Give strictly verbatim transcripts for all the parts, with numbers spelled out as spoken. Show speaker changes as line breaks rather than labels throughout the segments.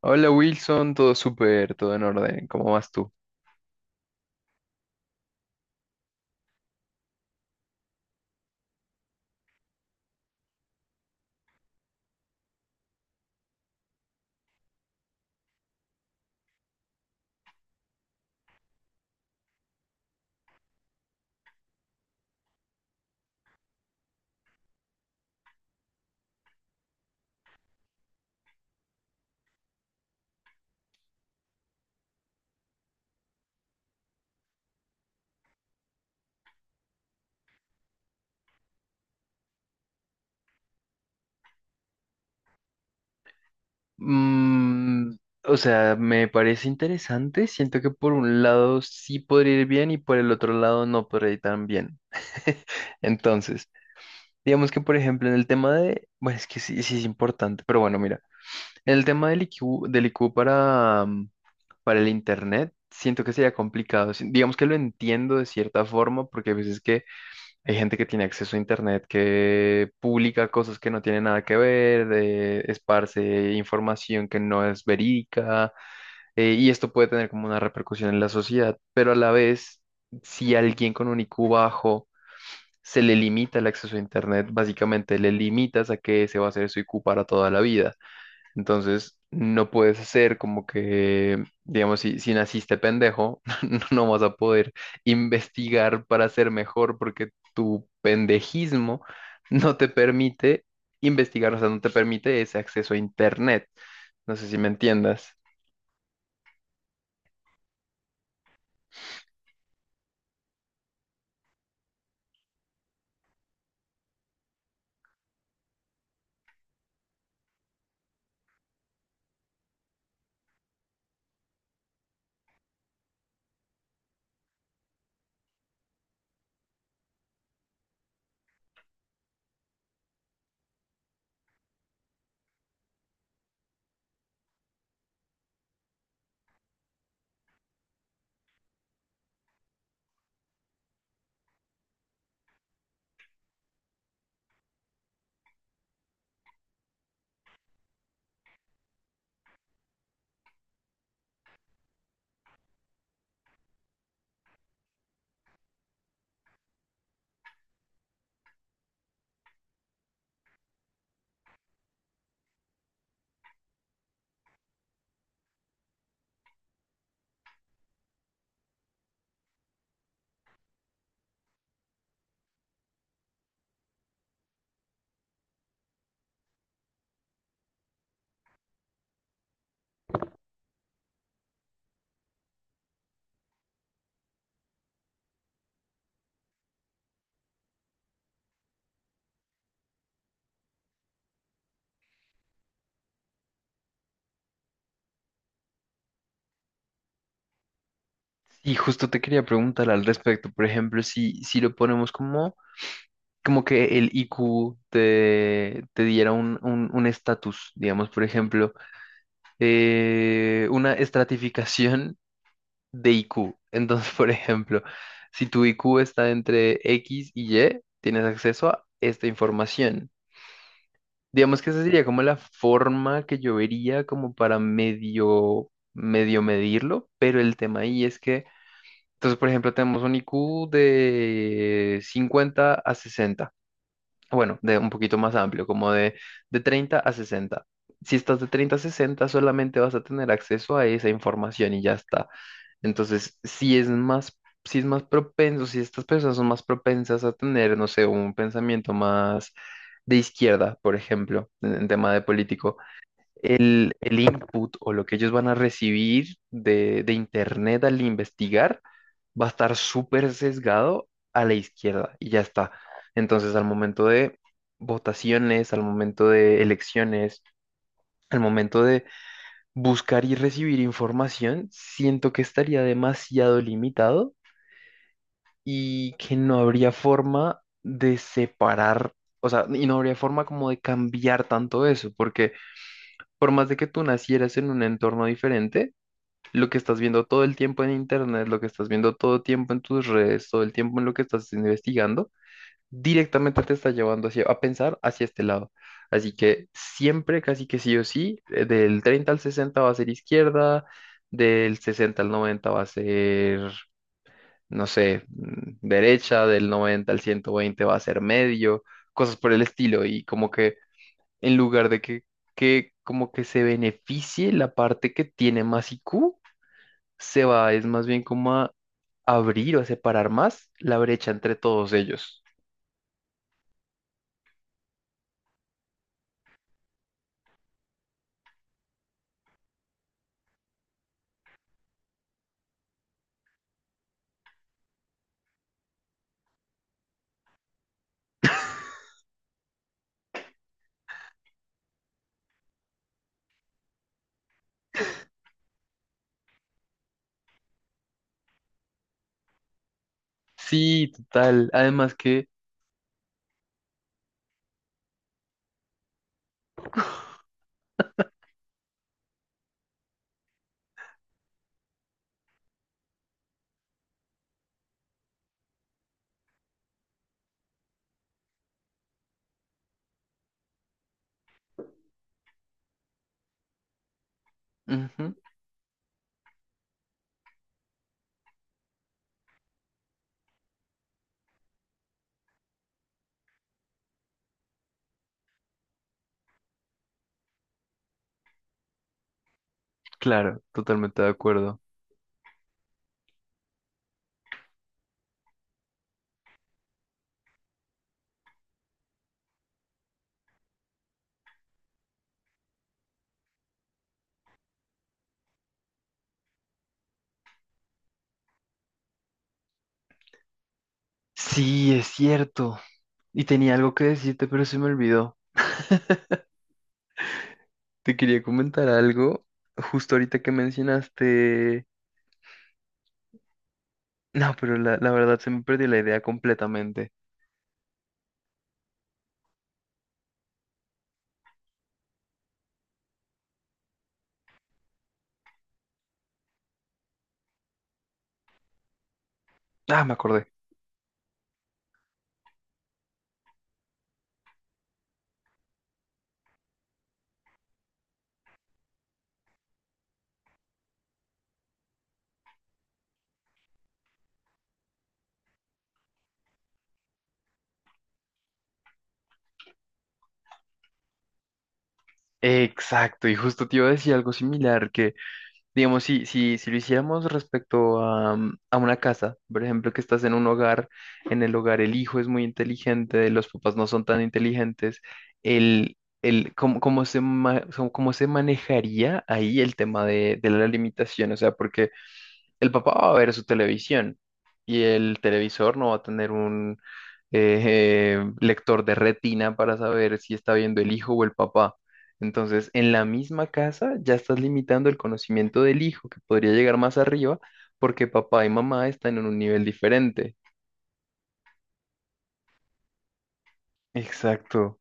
Hola Wilson, todo súper, todo en orden, ¿cómo vas tú? Mm, o sea, me parece interesante, siento que por un lado sí podría ir bien y por el otro lado no podría ir tan bien. Entonces, digamos que por ejemplo en el tema de, bueno, es que sí, sí es importante, pero bueno, mira, en el tema del I Q, del I Q para, mm, para el Internet, siento que sería complicado, si- digamos que lo entiendo de cierta forma porque a veces que hay gente que tiene acceso a internet que publica cosas que no tienen nada que ver, de- esparce información que no es verídica, eh, y esto puede tener como una repercusión en la sociedad, pero a la vez, si alguien con un I Q bajo se le limita el acceso a internet, básicamente le limitas a que ese va a ser su I Q para toda la vida. Entonces, no puedes hacer como que, digamos, si, si naciste pendejo, no no vas a poder investigar para ser mejor porque tu pendejismo no te permite investigar, o sea, no te permite ese acceso a Internet. No sé si me entiendas. Y justo te quería preguntar al respecto, por ejemplo, si, si lo ponemos como, como que el I Q te, te diera un un- un estatus, digamos, por ejemplo eh, una estratificación de I Q. Entonces, por ejemplo, si tu I Q está entre X y Y, tienes acceso a esta información. Digamos que esa sería como la forma que yo vería como para medio, medio medirlo, pero el tema ahí es que, entonces, por ejemplo, tenemos un I Q de cincuenta a sesenta, bueno, de un poquito más amplio, como de, de treinta a sesenta. Si estás de treinta a sesenta, solamente vas a tener acceso a esa información y ya está. Entonces, si es más, si es más propenso, si estas personas son más propensas a tener, no sé, un pensamiento más de izquierda, por ejemplo, en, en tema de político, el, el input o lo que ellos van a recibir de, de internet al investigar va a estar súper sesgado a la izquierda y ya está. Entonces, al momento de votaciones, al momento de elecciones, al momento de buscar y recibir información, siento que estaría demasiado limitado y que no habría forma de separar. O sea, y no habría forma como de cambiar tanto eso, porque por más de que tú nacieras en un entorno diferente, lo que estás viendo todo el tiempo en internet, lo que estás viendo todo el tiempo en tus redes, todo el tiempo en lo que estás investigando, directamente te está llevando hacia- a pensar hacia este lado. Así que siempre, casi que sí o sí, eh, del treinta al sesenta va a ser izquierda, del sesenta al noventa va a ser, no sé, mm, derecha, del noventa al ciento veinte va a ser medio, cosas por el estilo. Y como que en lugar de que, que como que se beneficie la parte que tiene más I Q, se va es más bien como a abrir o a separar más la brecha entre todos ellos. Sí, total. Además que, ujú, claro, totalmente de acuerdo. Sí, es cierto. Y tenía algo que decirte, pero se me olvidó. Te quería comentar algo justo ahorita que mencionaste. No, pero la, la verdad se me perdió la idea completamente. Ah, me acordé. Exacto, y justo te iba a decir algo similar, que digamos, si, si, si lo hiciéramos respecto a, mm, a una casa, por ejemplo, que estás en un hogar, en el hogar el hijo es muy inteligente, los papás no son tan inteligentes, el, el, ¿cómo, cómo se, ma- Cómo se manejaría ahí el tema de, de la limitación? O sea, porque el papá va a ver su televisión y el televisor no va a tener un eh, eh, lector de retina para saber si está viendo el hijo o el papá. Entonces, en la misma casa ya estás limitando el conocimiento del hijo, que podría llegar más arriba, porque papá y mamá están en un nivel diferente. Exacto.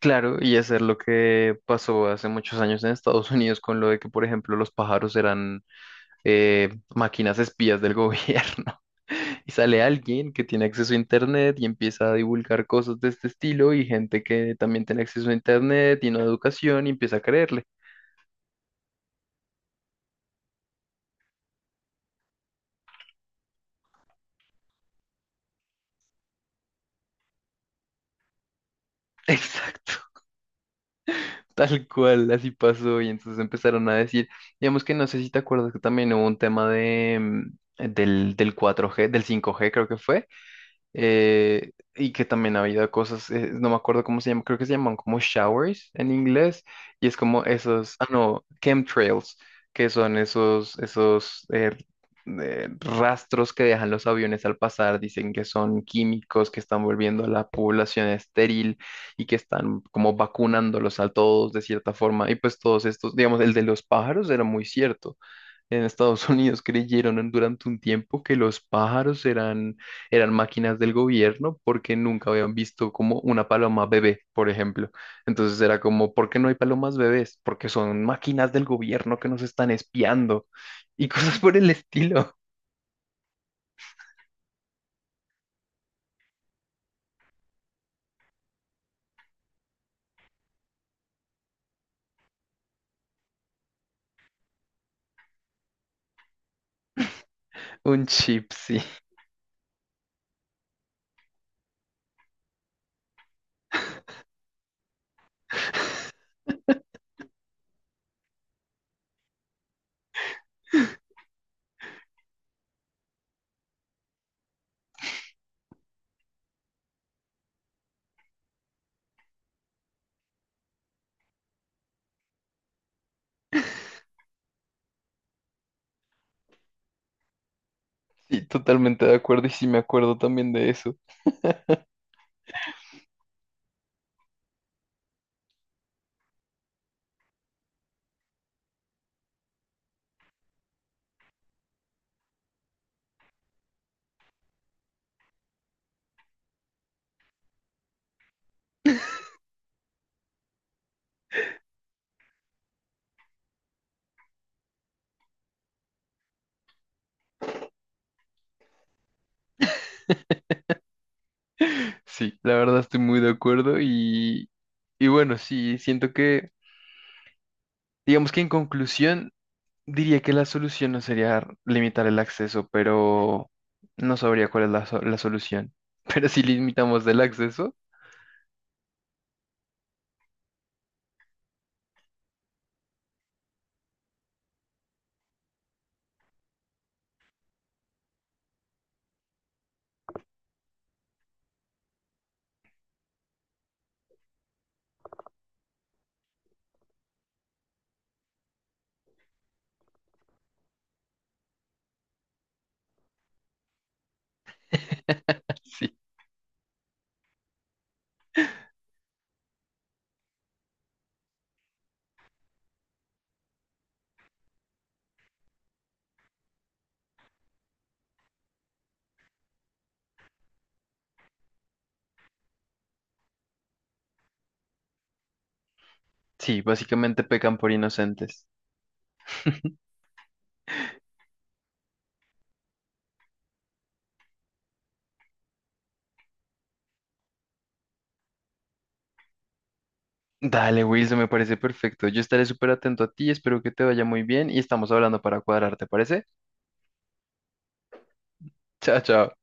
Claro, y hacer lo que pasó hace muchos años en Estados Unidos con lo de que, por ejemplo, los pájaros eran eh, máquinas espías del gobierno. Y sale alguien que tiene acceso a internet y empieza a divulgar cosas de este estilo y gente que también tiene acceso a internet y no a educación y empieza a creerle. Exacto, tal cual, así pasó y entonces empezaron a decir, digamos que no sé si te acuerdas que también hubo un tema de, mm, del, del cuatro G, del cinco G creo que fue, eh, y que también había cosas, eh, no me acuerdo cómo se llama, creo que se llaman como showers en inglés, y es como esos, ah no, chemtrails, que son esos, esos eh, eh, rastros que dejan los aviones al pasar, dicen que son químicos, que están volviendo a la población estéril y que están como vacunándolos a todos de cierta forma, y pues todos estos, digamos, el de los pájaros era muy cierto, en Estados Unidos creyeron en- durante un tiempo que los pájaros eran, eran máquinas del gobierno porque nunca habían visto como una paloma bebé, por ejemplo. Entonces era como, ¿por qué no hay palomas bebés? Porque son máquinas del gobierno que nos están espiando y cosas por el estilo. Un chip, sí. Sí, totalmente de acuerdo y sí me acuerdo también de eso. Sí, la verdad estoy muy de acuerdo y, y bueno, sí, siento que, digamos que en conclusión... Diría que la solución no sería limitar el acceso, pero no sabría cuál es la, so- la solución. Pero si limitamos el acceso, sí. Sí, básicamente pecan por inocentes. Dale, Wilson, me parece perfecto. Yo estaré súper atento a ti, espero que te vaya muy bien y estamos hablando para cuadrar, ¿te parece? Chao, chao.